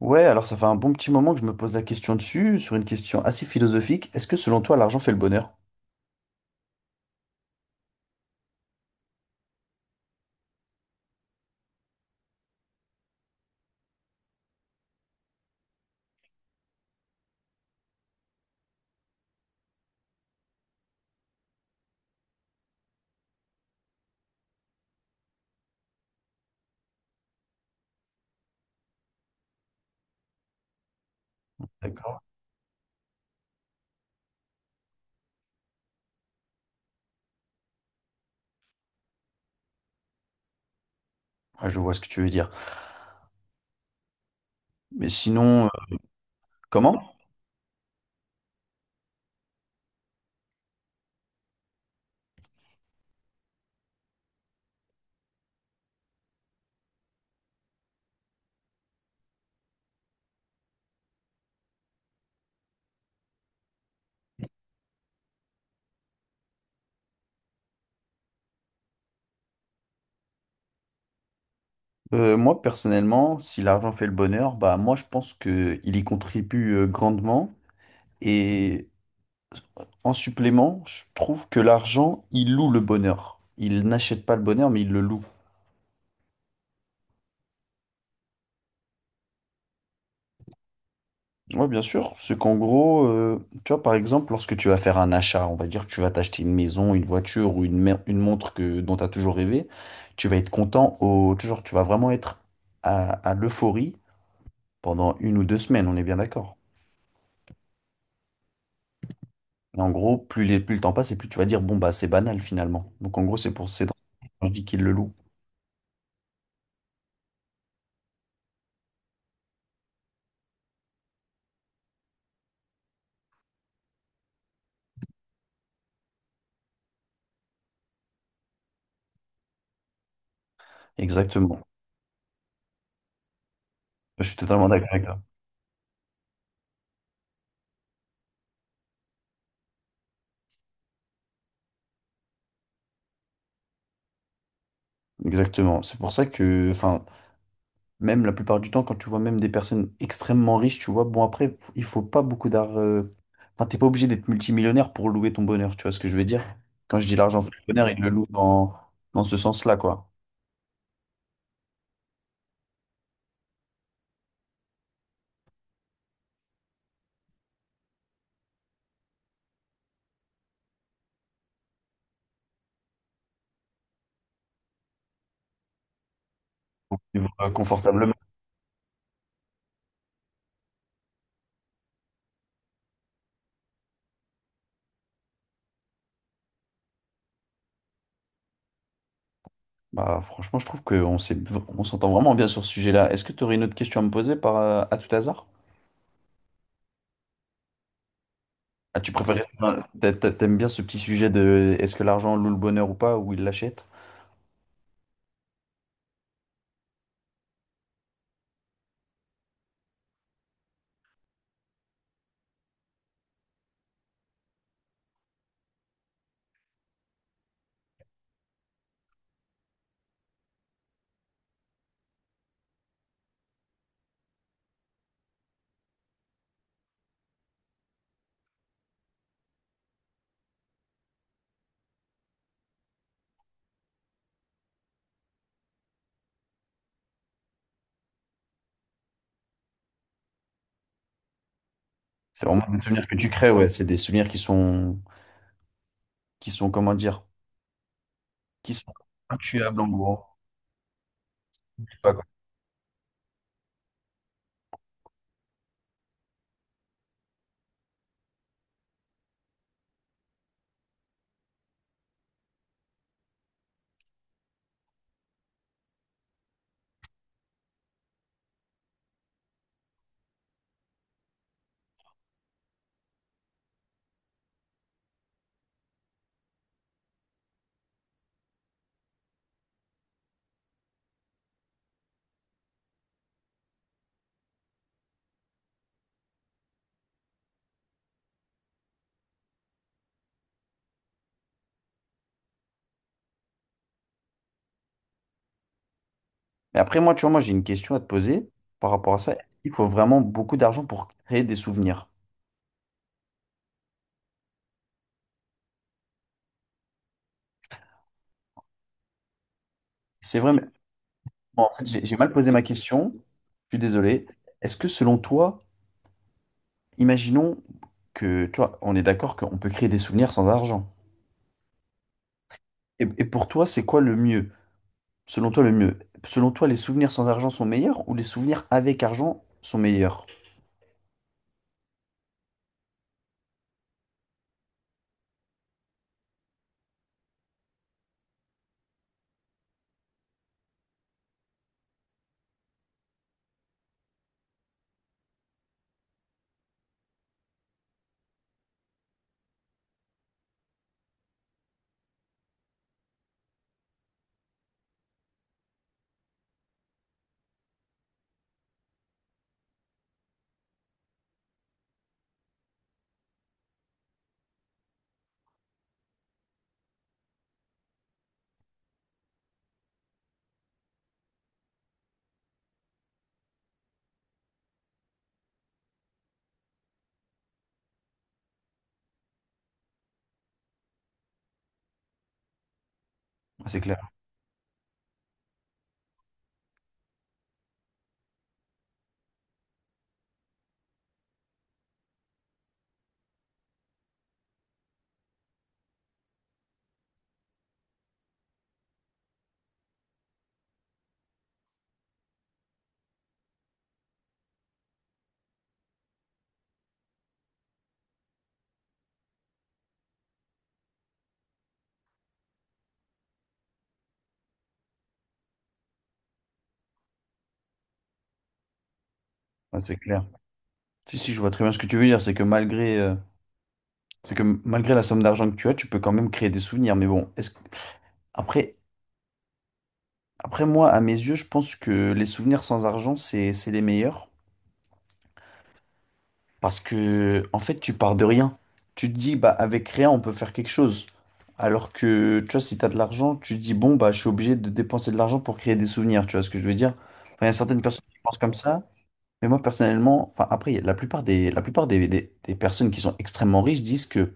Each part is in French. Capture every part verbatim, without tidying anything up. Ouais, alors ça fait un bon petit moment que je me pose la question dessus, sur une question assez philosophique. Est-ce que selon toi, l'argent fait le bonheur? D'accord. Ah, je vois ce que tu veux dire. Mais sinon, euh, comment? Euh, moi, personnellement, si l'argent fait le bonheur, bah moi, je pense que il y contribue euh, grandement. Et en supplément, je trouve que l'argent, il loue le bonheur. Il n'achète pas le bonheur, mais il le loue. Oui, bien sûr. C'est qu'en gros, euh, tu vois, par exemple, lorsque tu vas faire un achat, on va dire que tu vas t'acheter une maison, une voiture ou une, mer- une montre que, dont tu as toujours rêvé, tu vas être content au, toujours, tu vas vraiment être à, à l'euphorie pendant une ou deux semaines, on est bien d'accord. Et en gros, plus, les, plus le temps passe et plus tu vas dire, bon, bah, c'est banal finalement. Donc, en gros, c'est pour, c'est dans- quand je dis qu'il le loue. Exactement. Je suis totalement d'accord avec toi. Exactement. C'est pour ça que, enfin, même la plupart du temps, quand tu vois même des personnes extrêmement riches, tu vois, bon après, f- il faut pas beaucoup d'art. euh, Enfin, t'es pas obligé d'être multimillionnaire pour louer ton bonheur, tu vois ce que je veux dire? Quand je dis l'argent fait le bonheur, il le loue dans, dans ce sens-là, quoi. Vivre, euh, confortablement. Bah franchement, je trouve qu'on s'est- on s'entend vraiment bien sur ce sujet-là. Est-ce que tu aurais une autre question à me poser par, euh, à tout hasard? Ah, tu préfères rester dans- t'a- t'a- T'aimes bien ce petit sujet de est-ce que l'argent loue le bonheur ou pas, ou il l'achète? C'est vraiment des souvenirs que tu crées, ouais. C'est des souvenirs qui sont, qui sont, comment dire, qui sont intuables en gros. Je sais pas quoi. Mais après, moi, tu vois, moi, j'ai une question à te poser par rapport à ça. Il faut vraiment beaucoup d'argent pour créer des souvenirs. C'est vrai, mais bon, en fait, j'ai j'ai mal posé ma question. Je suis désolé. Est-ce que selon toi, imaginons que, tu vois, on est d'accord qu'on peut créer des souvenirs sans argent. Et, et pour toi, c'est quoi le mieux? Selon toi, le mieux. Selon toi, les souvenirs sans argent sont meilleurs ou les souvenirs avec argent sont meilleurs? Ah, c'est clair. Ah, c'est clair. Si, si, je vois très bien ce que tu veux dire. C'est que malgré, euh, C'est que malgré la somme d'argent que tu as, tu peux quand même créer des souvenirs. Mais bon, est-ce que- après, après moi, à mes yeux, je pense que les souvenirs sans argent, c'est, c'est les meilleurs. Parce que, en fait, tu pars de rien. Tu te dis, bah, avec rien, on peut faire quelque chose. Alors que, tu vois, si tu as de l'argent, tu te dis, bon, bah, je suis obligé de dépenser de l'argent pour créer des souvenirs. Tu vois ce que je veux dire? Enfin, il y a certaines personnes qui pensent comme ça. Mais moi, personnellement, enfin, après, la plupart des, la plupart des, des des personnes qui sont extrêmement riches disent que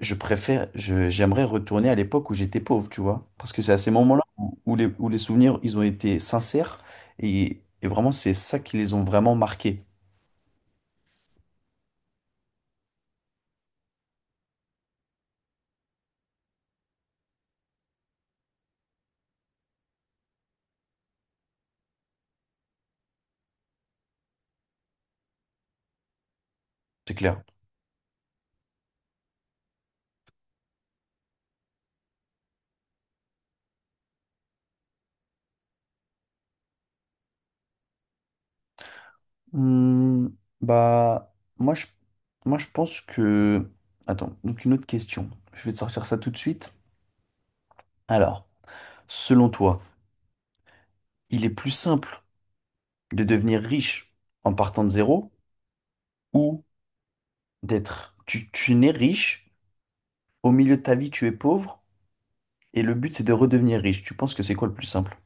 je préfère, je- j'aimerais retourner à l'époque où j'étais pauvre, tu vois. Parce que c'est à ces moments-là où, où les, où les souvenirs, ils ont été sincères et, et vraiment, c'est ça qui les ont vraiment marqués, c'est clair. Hmm, bah, moi je, moi, je pense que. Attends, donc une autre question. Je vais te sortir ça tout de suite. Alors, selon toi, il est plus simple de devenir riche en partant de zéro ou d'être. Tu, tu nais riche, au milieu de ta vie, tu es pauvre. Et le but, c'est de redevenir riche. Tu penses que c'est quoi le plus simple?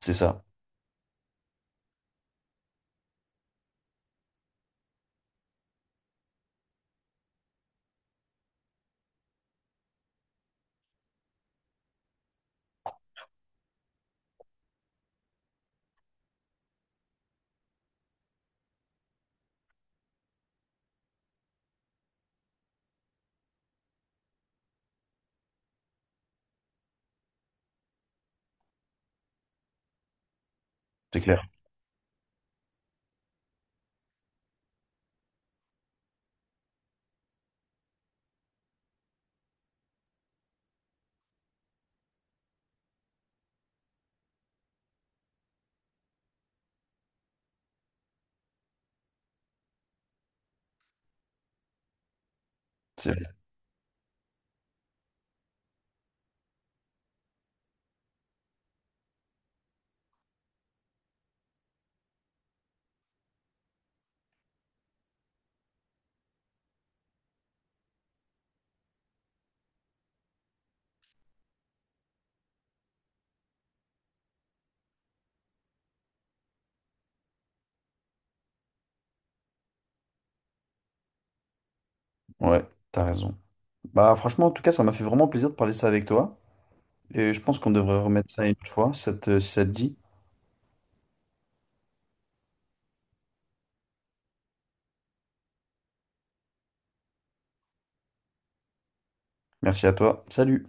C'est ça, c'est clair. C'est... Ouais, t'as raison. Bah franchement, en tout cas, ça m'a fait vraiment plaisir de parler ça avec toi. Et je pense qu'on devrait remettre ça une autre fois, ça te- si ça te dit. Merci à toi. Salut.